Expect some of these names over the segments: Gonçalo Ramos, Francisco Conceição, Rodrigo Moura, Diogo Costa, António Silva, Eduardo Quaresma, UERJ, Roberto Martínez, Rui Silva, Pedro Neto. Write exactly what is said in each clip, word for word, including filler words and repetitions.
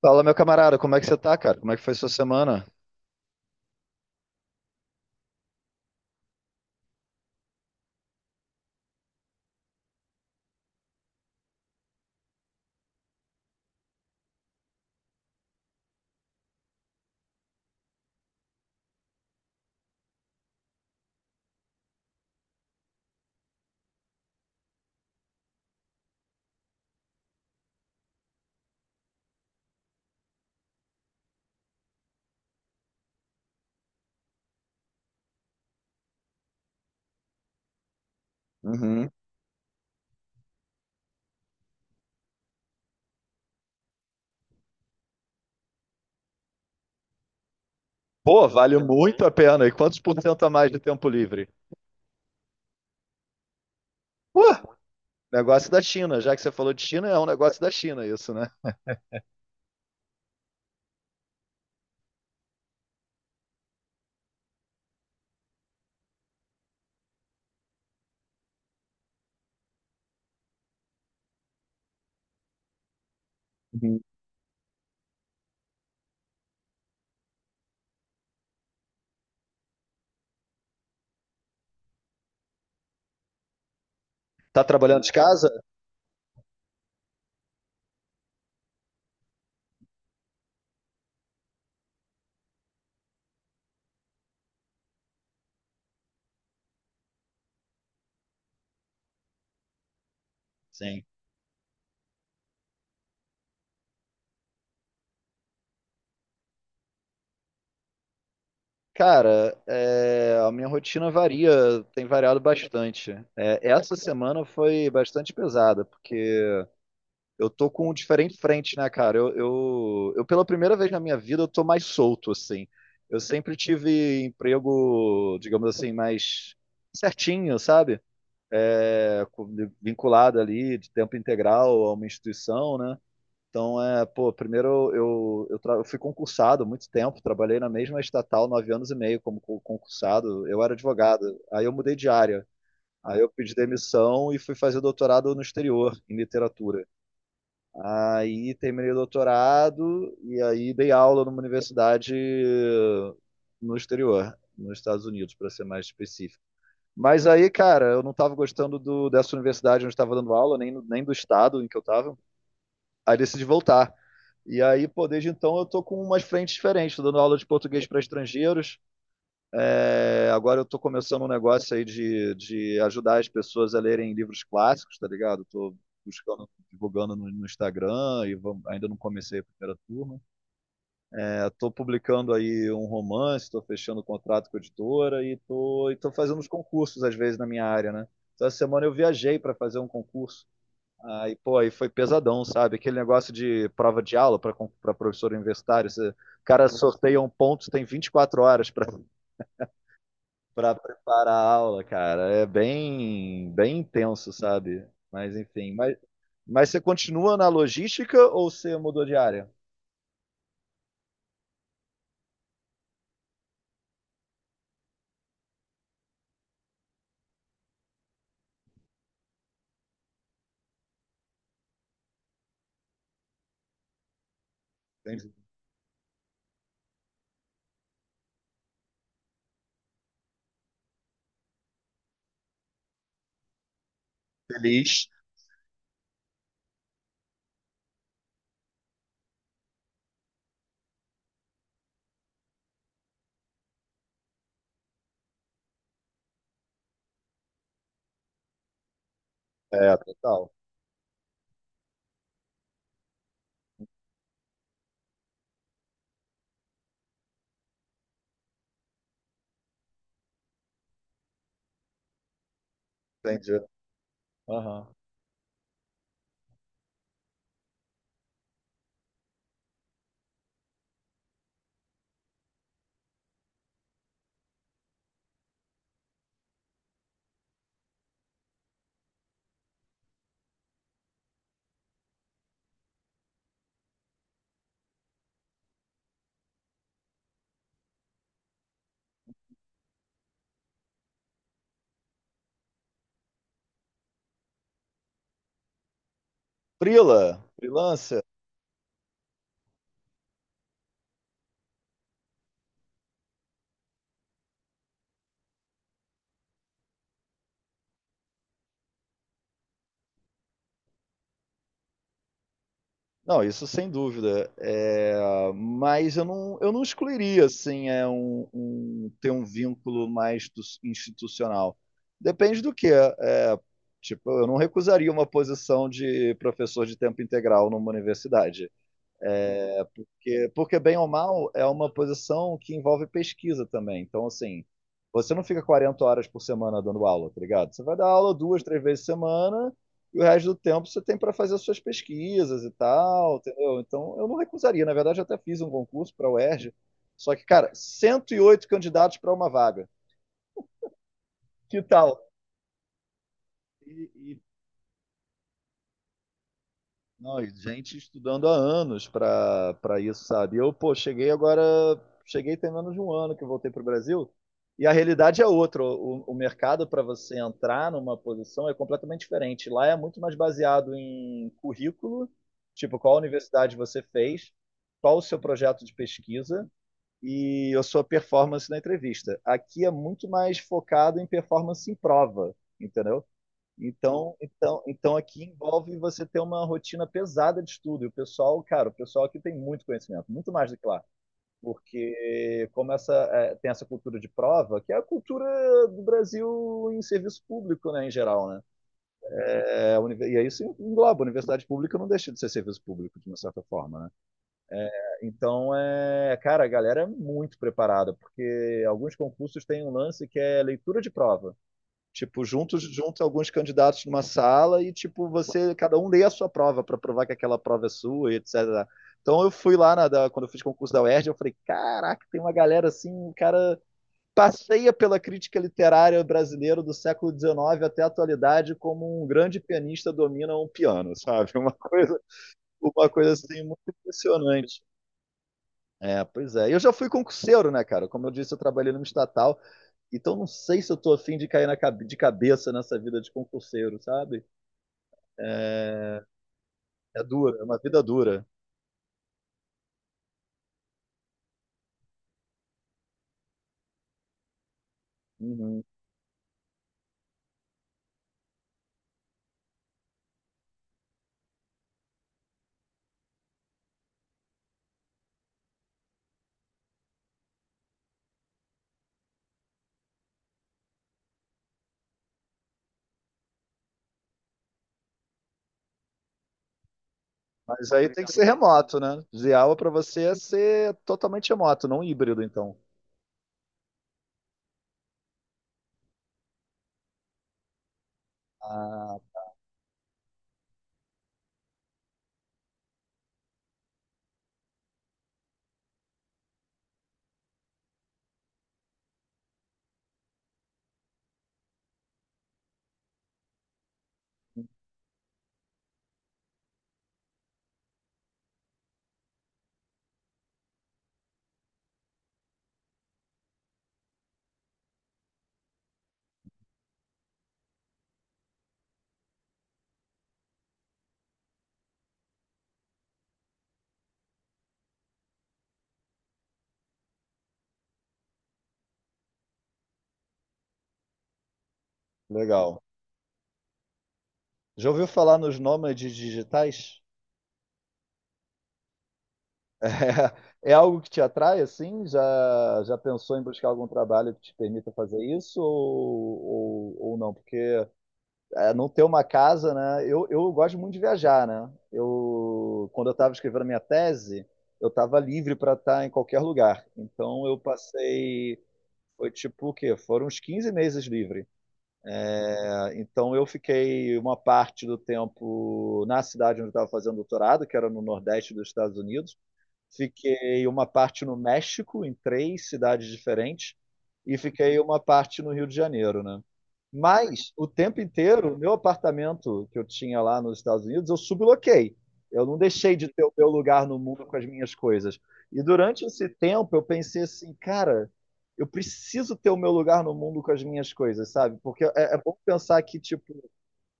Fala, meu camarada, como é que você tá, cara? Como é que foi sua semana? Uhum. Pô, vale muito a pena. E quantos por cento a mais de tempo livre? Pô, negócio da China. Já que você falou de China, é um negócio da China isso, né? Uhum. Tá trabalhando de casa? Sim. Cara, é, a minha rotina varia, tem variado bastante. É, essa semana foi bastante pesada, porque eu tô com um diferente frente, né, cara? Eu, eu, eu, pela primeira vez na minha vida, eu tô mais solto, assim. Eu sempre tive emprego, digamos assim, mais certinho, sabe? É, com- vinculado ali de tempo integral a uma instituição, né? Então, é, pô, primeiro eu, eu, tra- eu fui concursado há muito tempo, trabalhei na mesma estatal nove anos e meio como co- concursado, eu era advogado, aí eu mudei de área, aí eu pedi demissão e fui fazer doutorado no exterior, em literatura. Aí terminei o doutorado e aí dei aula numa universidade no exterior, nos Estados Unidos, para ser mais específico. Mas aí, cara, eu não estava gostando do- dessa universidade onde estava dando aula, nem, nem do estado em que eu estava. Aí decidi voltar. E aí, pô, desde então eu tô com umas frentes diferentes, tô dando aula de português para estrangeiros, é, agora eu tô começando um negócio aí de, de ajudar as pessoas a lerem livros clássicos, tá ligado? Tô buscando, divulgando no, no Instagram e vamo- ainda não comecei a primeira turma. É, tô publicando aí um romance, tô fechando o contrato com a editora e tô, e tô fazendo uns concursos às vezes na minha área, né? Então, essa semana eu viajei para fazer um concurso. Aí, pô, aí foi pesadão, sabe? Aquele negócio de prova de aula para professor universitário. Você, o cara sorteia um ponto, você tem vinte e quatro horas para para preparar a aula, cara. É bem, bem intenso, sabe? Mas enfim, mas, mas você continua na logística ou você mudou de área? Entendi. Feliz. É, total. Entendi. Aham. Frila, freelancer. Não, isso sem dúvida. É, mas eu não, eu não excluiria assim, é um, um- ter um vínculo mais do- institucional. Depende do que. É, tipo, eu não recusaria uma posição de professor de tempo integral numa universidade. Porque, porque, bem ou mal, é uma posição que envolve pesquisa também. Então, assim, você não fica quarenta horas por semana dando aula, tá ligado? Você vai dar aula duas, três vezes por semana e o resto do tempo você tem para fazer as suas pesquisas e tal, entendeu? Então, eu não recusaria. Na verdade, eu até fiz um concurso para a UERJ, só que, cara, cento e oito candidatos para uma vaga. Que tal? E, e Não, e gente estudando há anos para para isso, sabe? Eu, pô, cheguei agora, cheguei tem menos de um ano que eu voltei para o Brasil, e a realidade é outra. O, o mercado para você entrar numa posição é completamente diferente. Lá é muito mais baseado em currículo, tipo, qual universidade você fez, qual o seu projeto de pesquisa e a sua performance na entrevista. Aqui é muito mais focado em performance em prova, entendeu? Então, então, então aqui envolve você ter uma rotina pesada de estudo. E o pessoal, cara, o pessoal aqui tem muito conhecimento, muito mais do que lá. Porque como essa, eh, tem essa cultura de prova, que é a cultura do Brasil em serviço público, né, em geral, né? É, a univer- e aí isso engloba, a universidade pública não deixa de ser serviço público, de uma certa forma, né? É, então, é, cara, a galera é muito preparada, porque alguns concursos têm um lance que é leitura de prova. Tipo, juntos, junta alguns candidatos numa sala e, tipo, você, cada um lê a sua prova para provar que aquela prova é sua, e et cetera. Então eu fui lá na, da- quando eu fiz concurso da UERJ, eu falei, caraca, tem uma galera assim, o cara passeia pela crítica literária brasileira do século dezenove até a atualidade como um grande pianista domina um piano, sabe? Uma coisa, uma coisa assim muito impressionante. É, pois é. Eu já fui concurseiro, né, cara? Como eu disse, eu trabalhei numa estatal. Então não sei se eu tô afim de cair na cabe- de cabeça nessa vida de concurseiro, sabe? É dura, é uma vida dura. Uhum. Mas aí tem que ser remoto, né? Ziaula pra você é ser totalmente remoto, não híbrido, então. Ah, legal. Já ouviu falar nos nômades digitais? É, é algo que te atrai, assim? Já, já pensou em buscar algum trabalho que te permita fazer isso ou, ou, ou não? Porque é, não ter uma casa, né? Eu, eu gosto muito de viajar, né? Eu, quando eu estava escrevendo a minha tese, eu estava livre para estar em qualquer lugar. Então eu passei, foi tipo o quê? Foram uns quinze meses livre. É, então eu fiquei uma parte do tempo na cidade onde eu estava fazendo doutorado, que era no Nordeste dos Estados Unidos. Fiquei uma parte no México, em três cidades diferentes, e fiquei uma parte no Rio de Janeiro, né? Mas o tempo inteiro, o meu apartamento que eu tinha lá nos Estados Unidos, eu subloquei. Eu não deixei de ter o meu lugar no mundo com as minhas coisas. E durante esse tempo, eu pensei assim, cara, eu preciso ter o meu lugar no mundo com as minhas coisas, sabe? Porque é, é bom pensar que, tipo,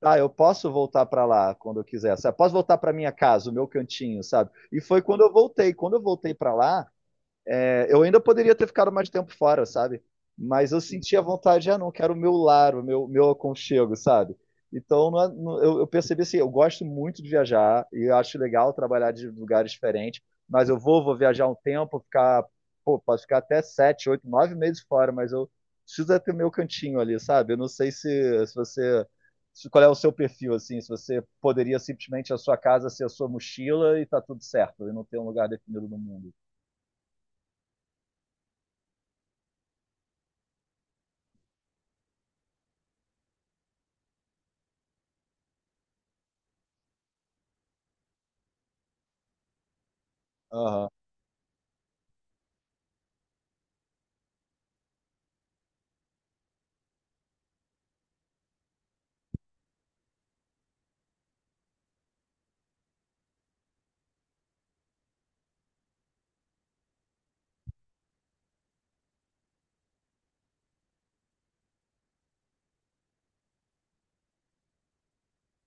tá eu posso voltar para lá quando eu quiser, sabe? Posso voltar para minha casa, o meu cantinho, sabe? E foi quando eu voltei. Quando eu voltei para lá, eu ainda poderia ter ficado mais tempo fora, sabe? Mas eu senti a vontade, ah, não, quero o meu lar, o meu, meu aconchego, sabe? Então, não é- não- eu, eu percebi assim, eu gosto muito de viajar e eu acho legal trabalhar de lugares diferentes, mas eu vou, vou viajar um tempo, ficar, pô, posso ficar até sete, oito, nove meses fora, mas eu preciso é ter o meu cantinho ali, sabe? Eu não sei se, se você, se- qual é o seu perfil, assim, se você poderia simplesmente a sua casa ser a sua mochila e tá tudo certo, e não ter um lugar definido no mundo.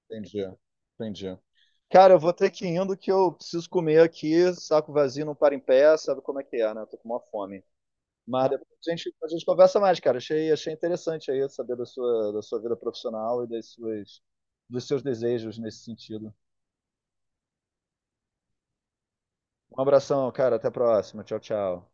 Entendi, entendi. Cara, eu vou ter que ir indo que eu preciso comer aqui, saco vazio não para em pé, sabe como é que é, né? Tô com uma fome. Mas depois a gente, a gente conversa mais, cara. Achei, achei interessante aí saber da sua, da sua vida profissional e das suas, dos seus desejos nesse sentido. Um abração, cara. Até a próxima. Tchau, tchau.